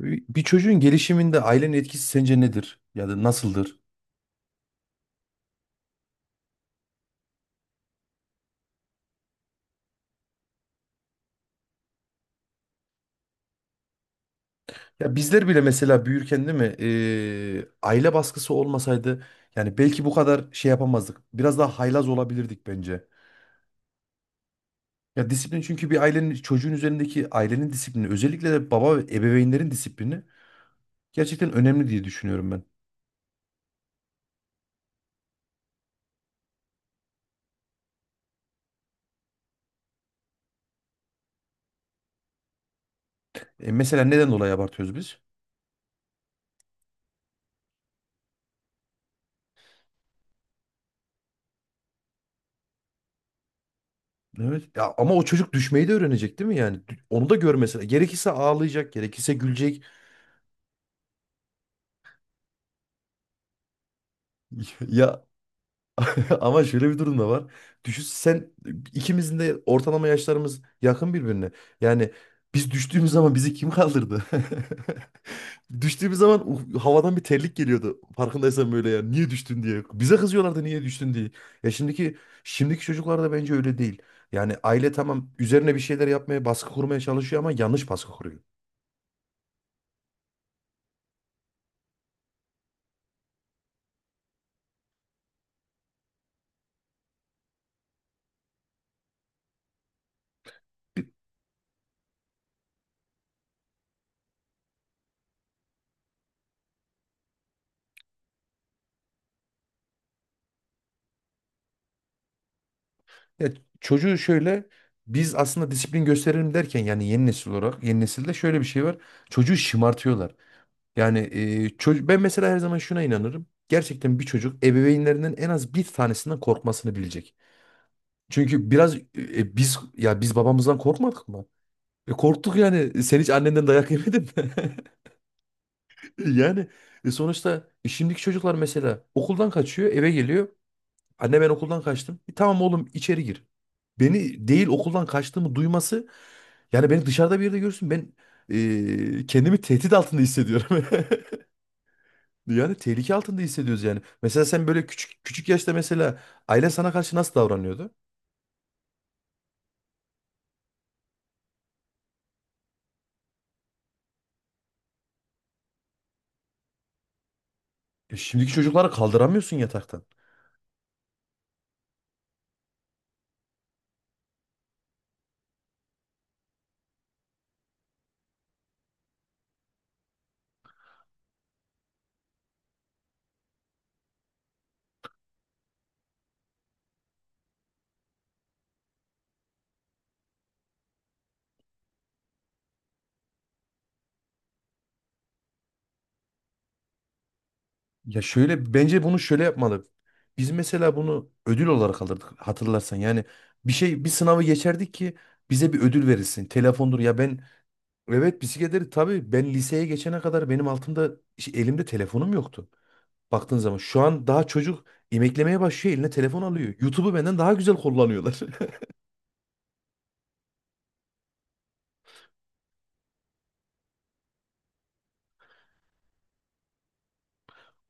Bir çocuğun gelişiminde ailenin etkisi sence nedir? Ya da nasıldır? Ya bizler bile mesela büyürken değil mi? Aile baskısı olmasaydı yani belki bu kadar şey yapamazdık. Biraz daha haylaz olabilirdik bence. Ya disiplin çünkü bir ailenin çocuğun üzerindeki ailenin disiplini özellikle de baba ve ebeveynlerin disiplini gerçekten önemli diye düşünüyorum ben. Mesela neden dolayı abartıyoruz biz? Evet. Ya ama o çocuk düşmeyi de öğrenecek değil mi yani? Onu da görmesi. Gerekirse ağlayacak, gerekirse gülecek. Ya ama şöyle bir durum da var. Düşün sen, ikimizin de ortalama yaşlarımız yakın birbirine. Yani biz düştüğümüz zaman bizi kim kaldırdı? Düştüğümüz zaman havadan bir terlik geliyordu. Farkındaysan böyle ya. Niye düştün diye. Bize kızıyorlardı niye düştün diye. Ya şimdiki çocuklar da bence öyle değil. Yani aile tamam üzerine bir şeyler yapmaya, baskı kurmaya çalışıyor ama yanlış baskı kuruyor. Ya çocuğu şöyle, biz aslında disiplin gösterelim derken yani yeni nesil olarak yeni nesilde şöyle bir şey var. Çocuğu şımartıyorlar. Yani çocuk ben mesela her zaman şuna inanırım. Gerçekten bir çocuk ebeveynlerinden en az bir tanesinden korkmasını bilecek. Çünkü biraz biz ya biz babamızdan korkmadık mı? Korktuk yani. Sen hiç annenden dayak yemedin mi? Yani sonuçta şimdiki çocuklar mesela okuldan kaçıyor, eve geliyor. Anne ben okuldan kaçtım. E, tamam oğlum içeri gir. Beni değil okuldan kaçtığımı duyması, yani beni dışarıda bir yerde görsün ben kendimi tehdit altında hissediyorum. Yani tehlike altında hissediyoruz yani. Mesela sen böyle küçük küçük yaşta mesela aile sana karşı nasıl davranıyordu? E şimdiki çocuklara kaldıramıyorsun yataktan. Ya şöyle bence bunu şöyle yapmalı. Biz mesela bunu ödül olarak alırdık hatırlarsan. Yani bir şey bir sınavı geçerdik ki bize bir ödül verilsin. Telefondur ya ben, evet bisikletleri tabii ben liseye geçene kadar benim altımda elimde telefonum yoktu. Baktığın zaman şu an daha çocuk emeklemeye başlıyor eline telefon alıyor. YouTube'u benden daha güzel kullanıyorlar.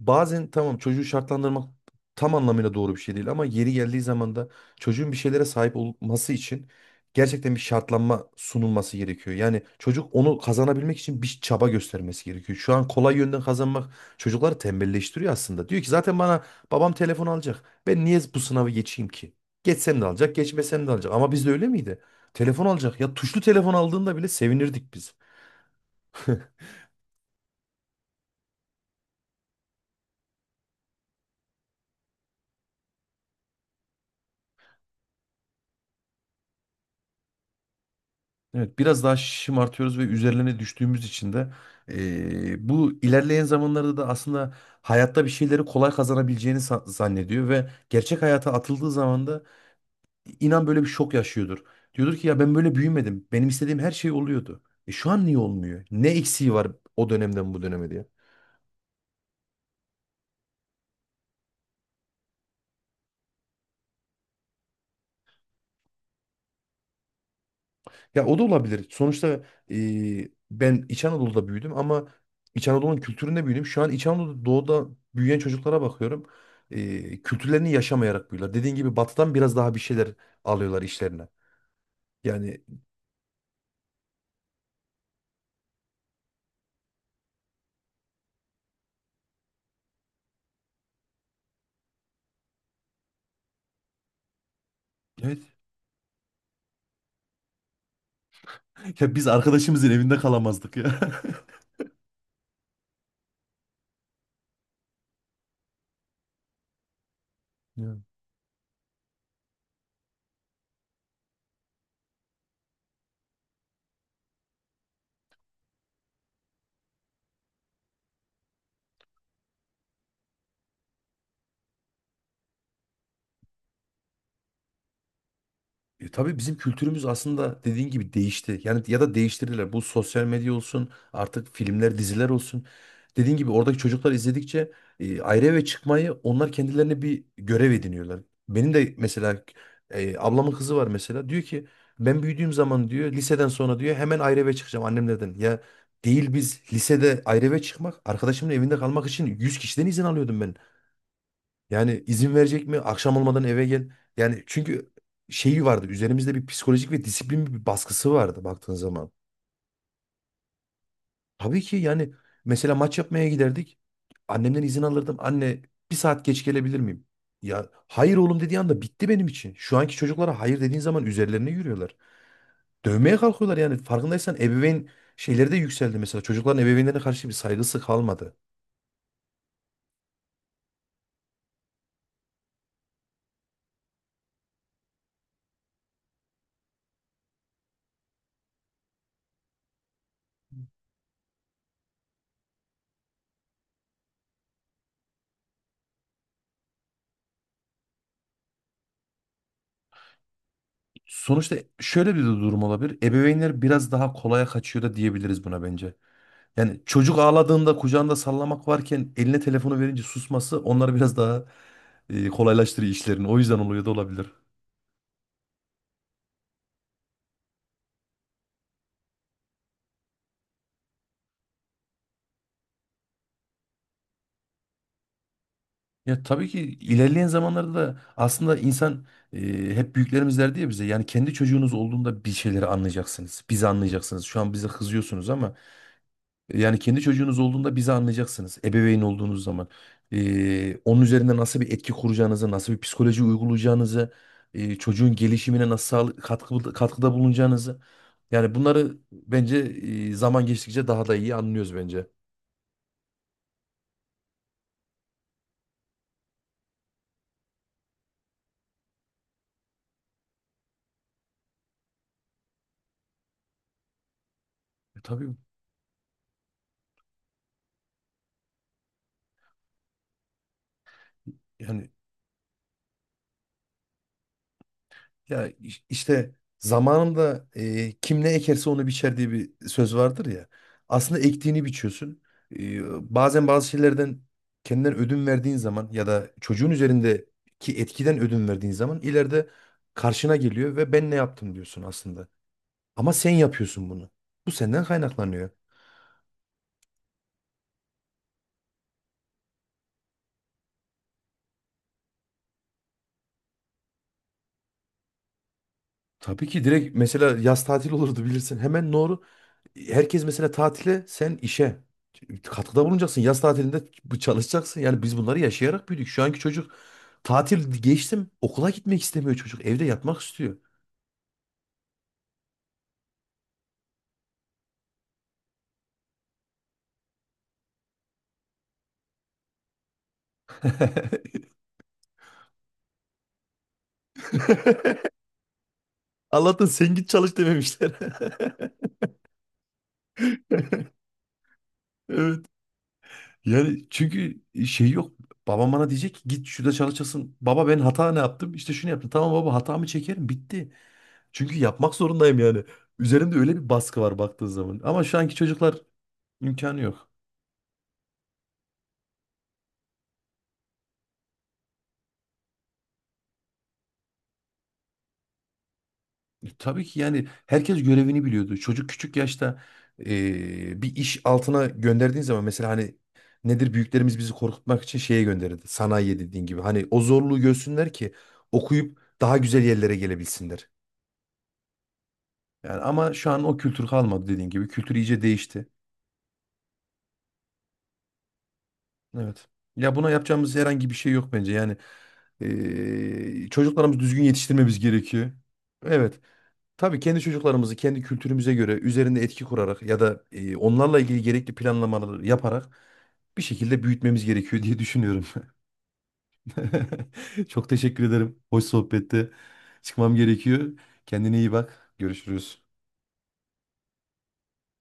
Bazen tamam çocuğu şartlandırmak tam anlamıyla doğru bir şey değil ama yeri geldiği zaman da çocuğun bir şeylere sahip olması için gerçekten bir şartlanma sunulması gerekiyor. Yani çocuk onu kazanabilmek için bir çaba göstermesi gerekiyor. Şu an kolay yönden kazanmak çocukları tembelleştiriyor aslında. Diyor ki zaten bana babam telefon alacak. Ben niye bu sınavı geçeyim ki? Geçsem de alacak, geçmesem de alacak. Ama bizde öyle miydi? Telefon alacak. Ya tuşlu telefon aldığında bile sevinirdik biz. Evet, biraz daha şımartıyoruz ve üzerlerine düştüğümüz için de bu ilerleyen zamanlarda da aslında hayatta bir şeyleri kolay kazanabileceğini zannediyor ve gerçek hayata atıldığı zaman da inan böyle bir şok yaşıyordur. Diyordur ki ya ben böyle büyümedim. Benim istediğim her şey oluyordu. E şu an niye olmuyor? Ne eksiği var o dönemden bu döneme diye. Ya o da olabilir. Sonuçta ben İç Anadolu'da büyüdüm ama İç Anadolu'nun kültüründe büyüdüm. Şu an İç Anadolu'da doğuda büyüyen çocuklara bakıyorum. E, kültürlerini yaşamayarak büyüyorlar. Dediğin gibi batıdan biraz daha bir şeyler alıyorlar işlerine. Yani evet. Ya biz arkadaşımızın evinde kalamazdık ya. E, tabii bizim kültürümüz aslında dediğin gibi değişti. Yani ya da değiştirdiler. Bu sosyal medya olsun, artık filmler, diziler olsun. Dediğin gibi oradaki çocuklar izledikçe ayrı eve çıkmayı onlar kendilerine bir görev ediniyorlar. Benim de mesela ablamın kızı var mesela. Diyor ki ben büyüdüğüm zaman diyor liseden sonra diyor hemen ayrı eve çıkacağım annemlerden. Ya değil biz lisede ayrı eve çıkmak, arkadaşımın evinde kalmak için 100 kişiden izin alıyordum ben. Yani izin verecek mi? Akşam olmadan eve gel. Yani çünkü şeyi vardı. Üzerimizde bir psikolojik ve disiplin bir baskısı vardı baktığın zaman. Tabii ki yani mesela maç yapmaya giderdik. Annemden izin alırdım. Anne bir saat geç gelebilir miyim? Ya hayır oğlum dediği anda bitti benim için. Şu anki çocuklara hayır dediğin zaman üzerlerine yürüyorlar. Dövmeye kalkıyorlar yani. Farkındaysan ebeveyn şeyleri de yükseldi mesela. Çocukların ebeveynlerine karşı bir saygısı kalmadı. Sonuçta şöyle bir de durum olabilir. Ebeveynler biraz daha kolaya kaçıyor da diyebiliriz buna bence. Yani çocuk ağladığında kucağında sallamak varken eline telefonu verince susması onları biraz daha kolaylaştırıyor işlerini. O yüzden oluyor da olabilir. Ya tabii ki ilerleyen zamanlarda da aslında insan e, hep büyüklerimiz derdi ya bize, yani kendi çocuğunuz olduğunda bir şeyleri anlayacaksınız. Bizi anlayacaksınız. Şu an bize kızıyorsunuz ama yani kendi çocuğunuz olduğunda bizi anlayacaksınız. Ebeveyn olduğunuz zaman. Onun üzerinde nasıl bir etki kuracağınızı, nasıl bir psikoloji uygulayacağınızı, çocuğun gelişimine nasıl katkı, katkıda bulunacağınızı. Yani bunları bence zaman geçtikçe daha da iyi anlıyoruz bence. E, tabii yani ya işte zamanında kim ne ekerse onu biçer diye bir söz vardır ya. Aslında ektiğini biçiyorsun. Bazen bazı şeylerden kendinden ödün verdiğin zaman ya da çocuğun üzerindeki etkiden ödün verdiğin zaman ileride karşına geliyor ve ben ne yaptım diyorsun aslında. Ama sen yapıyorsun bunu. Bu senden kaynaklanıyor. Tabii ki direkt mesela yaz tatil olurdu bilirsin. Hemen doğru. Herkes mesela tatile, sen işe. Katkıda bulunacaksın. Yaz tatilinde çalışacaksın. Yani biz bunları yaşayarak büyüdük. Şu anki çocuk tatil geçtim. Okula gitmek istemiyor çocuk. Evde yatmak istiyor. Allah'tan sen git çalış dememişler. Evet. Yani çünkü şey yok. Babam bana diyecek ki git şurada çalışasın. Baba ben hata ne yaptım? İşte şunu yaptım. Tamam baba hatamı çekerim bitti. Çünkü yapmak zorundayım yani. Üzerimde öyle bir baskı var baktığın zaman. Ama şu anki çocuklar imkanı yok. E, tabii ki yani herkes görevini biliyordu. Çocuk küçük yaşta bir iş altına gönderdiğin zaman mesela hani nedir büyüklerimiz bizi korkutmak için şeye gönderirdi. Sanayiye dediğin gibi. Hani o zorluğu görsünler ki okuyup daha güzel yerlere gelebilsinler. Yani ama şu an o kültür kalmadı dediğin gibi. Kültür iyice değişti. Evet. Ya buna yapacağımız herhangi bir şey yok bence. Yani çocuklarımızı düzgün yetiştirmemiz gerekiyor. Evet. Tabii kendi çocuklarımızı kendi kültürümüze göre üzerinde etki kurarak ya da onlarla ilgili gerekli planlamaları yaparak bir şekilde büyütmemiz gerekiyor diye düşünüyorum. Çok teşekkür ederim. Hoş sohbette. Çıkmam gerekiyor. Kendine iyi bak. Görüşürüz.